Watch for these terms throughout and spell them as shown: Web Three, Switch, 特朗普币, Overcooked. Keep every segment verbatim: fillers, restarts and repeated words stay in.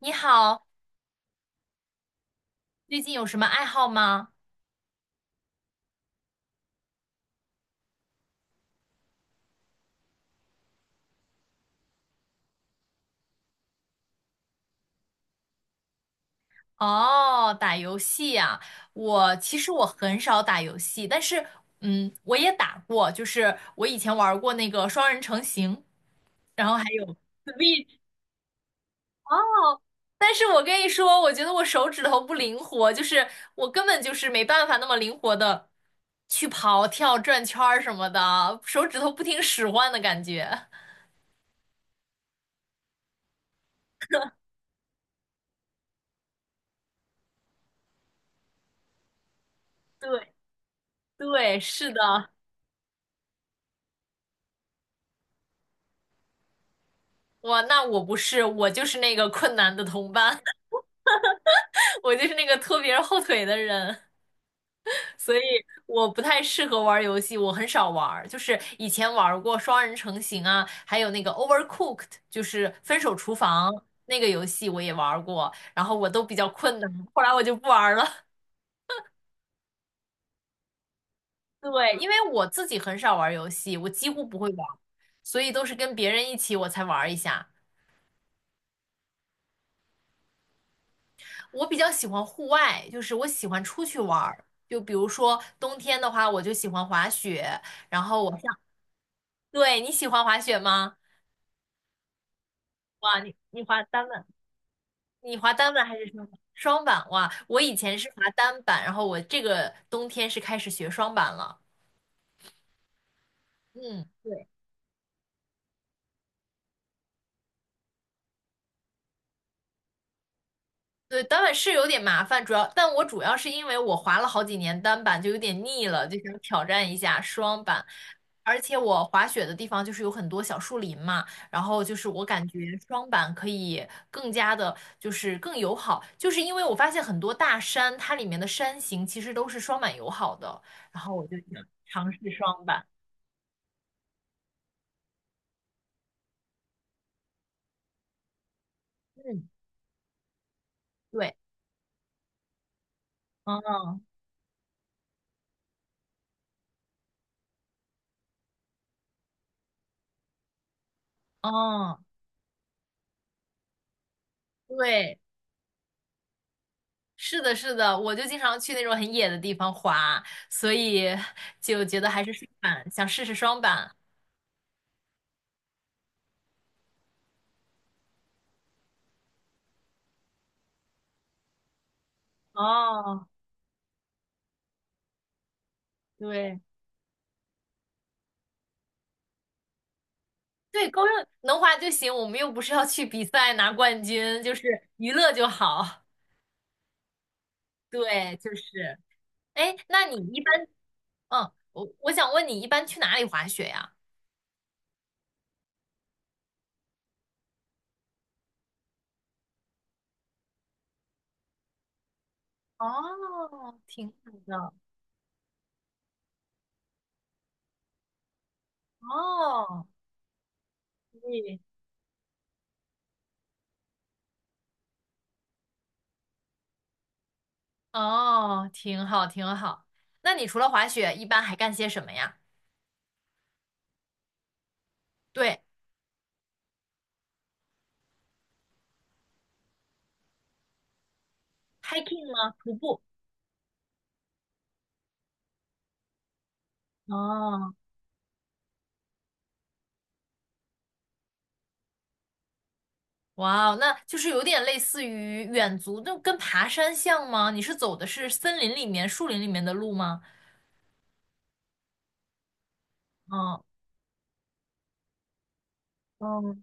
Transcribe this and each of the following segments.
你好，最近有什么爱好吗？哦，打游戏呀，我其实我很少打游戏，但是嗯，我也打过，就是我以前玩过那个双人成行，然后还有 Switch。哦，但是我跟你说，我觉得我手指头不灵活，就是我根本就是没办法那么灵活的去跑、跳、转圈儿什么的，手指头不听使唤的感觉。对对，是的。哇，那我不是，我就是那个困难的同伴，我就是那个拖别人后腿的人，所以我不太适合玩游戏，我很少玩儿就是以前玩过双人成行啊，还有那个 Overcooked，就是分手厨房那个游戏我也玩过，然后我都比较困难，后来我就不玩儿了。对，因为我自己很少玩游戏，我几乎不会玩，所以都是跟别人一起我才玩一下。我比较喜欢户外，就是我喜欢出去玩儿。就比如说冬天的话，我就喜欢滑雪。然后我上，对，你喜欢滑雪吗？哇，你你滑单板，你滑单板还是双板双板哇，我以前是滑单板，然后我这个冬天是开始学双板了。嗯，对。对，单板是有点麻烦，主要，但我主要是因为我滑了好几年单板，就有点腻了，就想挑战一下双板。而且我滑雪的地方就是有很多小树林嘛，然后就是我感觉双板可以更加的，就是更友好，就是因为我发现很多大山，它里面的山形其实都是双板友好的，然后我就想尝试双板。嗯，对，嗯嗯，对。是的，是的，我就经常去那种很野的地方滑，所以就觉得还是双板，想试试双板。哦，对对，够用，能滑就行，我们又不是要去比赛拿冠军，就是娱乐就好。对，就是。哎，那你一般，嗯，我我想问你，一般去哪里滑雪呀？哦，挺好的。哦，对，哦，挺好，挺好。那你除了滑雪，一般还干些什么呀？对。hiking 吗？徒步？哦，哇哦，那就是有点类似于远足，就跟爬山像吗？你是走的是森林里面、树林里面的路吗？嗯，哦。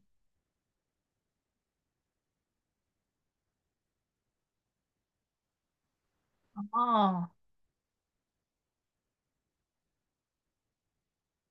哦，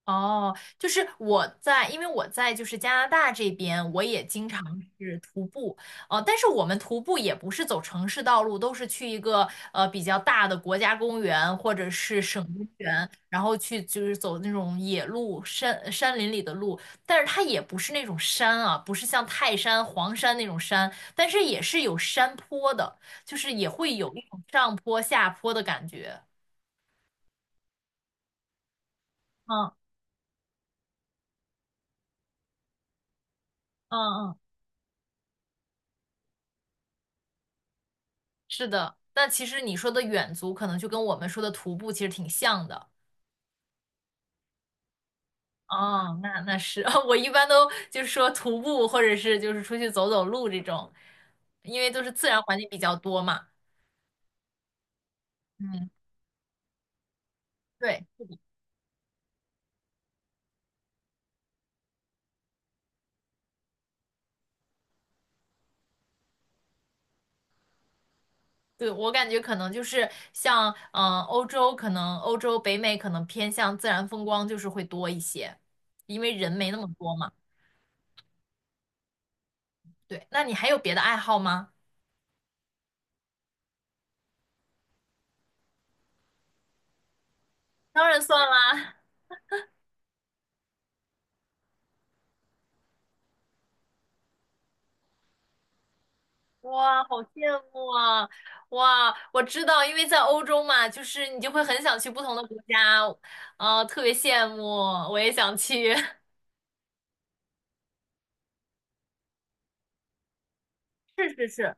哦，就是我在，因为我在就是加拿大这边，我也经常是徒步，呃，但是我们徒步也不是走城市道路，都是去一个呃比较大的国家公园或者是省公园，然后去就是走那种野路、山山林里的路，但是它也不是那种山啊，不是像泰山、黄山那种山，但是也是有山坡的，就是也会有一种上坡下坡的感觉。嗯嗯嗯。是的，但其实你说的远足可能就跟我们说的徒步其实挺像的。哦，那那是，我一般都就是说徒步或者是就是出去走走路这种，因为都是自然环境比较多嘛。嗯，对对，我感觉可能就是像嗯、呃欧洲，可能欧洲北美可能偏向自然风光就是会多一些，因为人没那么多嘛。对，那你还有别的爱好吗？当然算啦。哇，好羡慕啊！哇，我知道，因为在欧洲嘛，就是你就会很想去不同的国家，啊，特别羡慕，我也想去。是是是。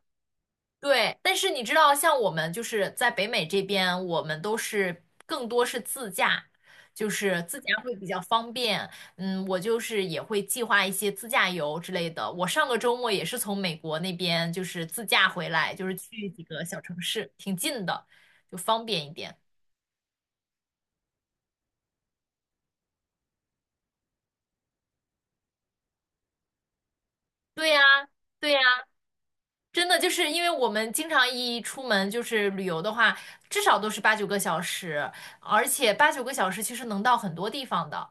对，但是你知道，像我们就是在北美这边，我们都是更多是自驾，就是自驾会比较方便。嗯，我就是也会计划一些自驾游之类的。我上个周末也是从美国那边就是自驾回来，就是去几个小城市，挺近的，就方便一点。对呀，对呀，真的就是因为我们经常一出门就是旅游的话，至少都是八九个小时，而且八九个小时其实能到很多地方的。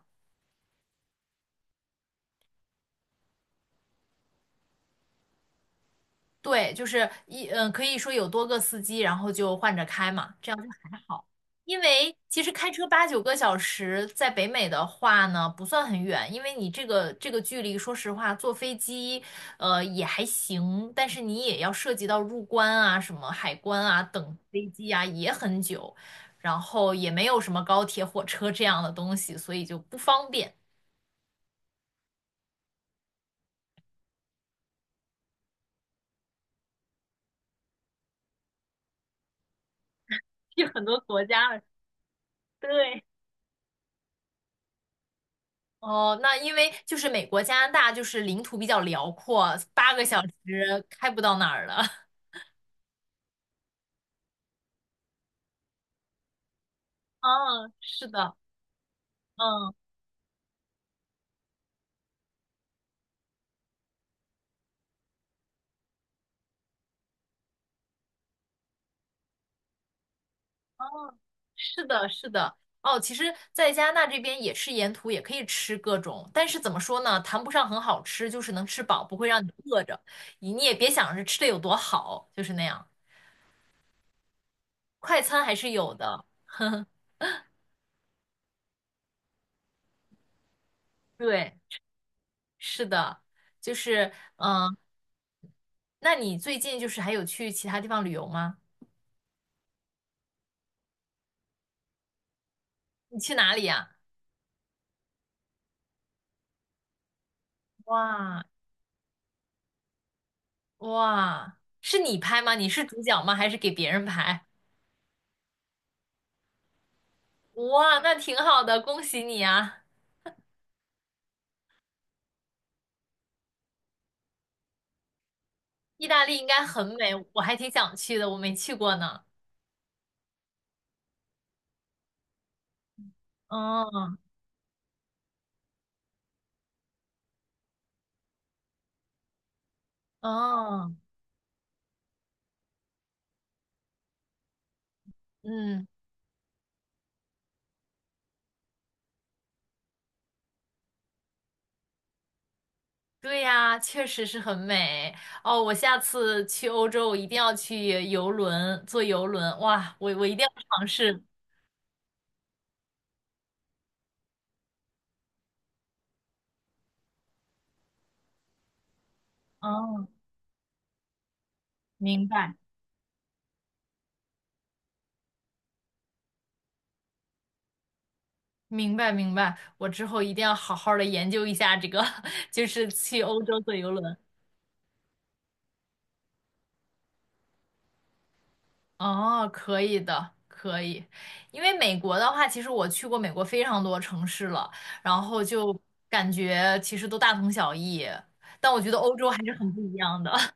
对，就是一嗯，可以说有多个司机，然后就换着开嘛，这样就还好。因为其实开车八九个小时，在北美的话呢，不算很远，因为你这个这个距离，说实话，坐飞机，呃，也还行，但是你也要涉及到入关啊、什么海关啊、等飞机啊，也很久，然后也没有什么高铁、火车这样的东西，所以就不方便。去很多国家了，对。哦，那因为就是美国、加拿大就是领土比较辽阔，八个小时开不到哪儿了。嗯，是的，嗯，哦，是的，是的。哦，其实，在加拿大这边也是沿途也可以吃各种，但是怎么说呢，谈不上很好吃，就是能吃饱，不会让你饿着。你你也别想着吃的有多好，就是那样。快餐还是有的，对，是的，就是嗯，那你最近就是还有去其他地方旅游吗？你去哪里呀？哇，哇，是你拍吗？你是主角吗？还是给别人拍？哇，那挺好的，恭喜你啊！意大利应该很美，我还挺想去的，我没去过呢。哦，哦，嗯，对呀，确实是很美。哦，我下次去欧洲，我一定要去游轮，坐游轮。哇，我我一定要尝试。哦，明白。明白明白，我之后一定要好好的研究一下这个，就是去欧洲坐游轮。哦，可以的，可以。因为美国的话，其实我去过美国非常多城市了，然后就感觉其实都大同小异，但我觉得欧洲还是很不一样的。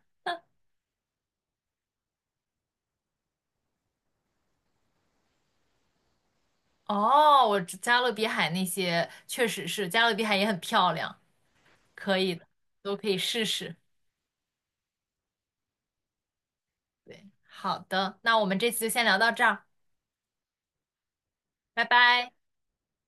哦，我知加勒比海那些确实是，加勒比海也很漂亮，可以的，都可以试试。对，好的，那我们这次就先聊到这儿，拜拜。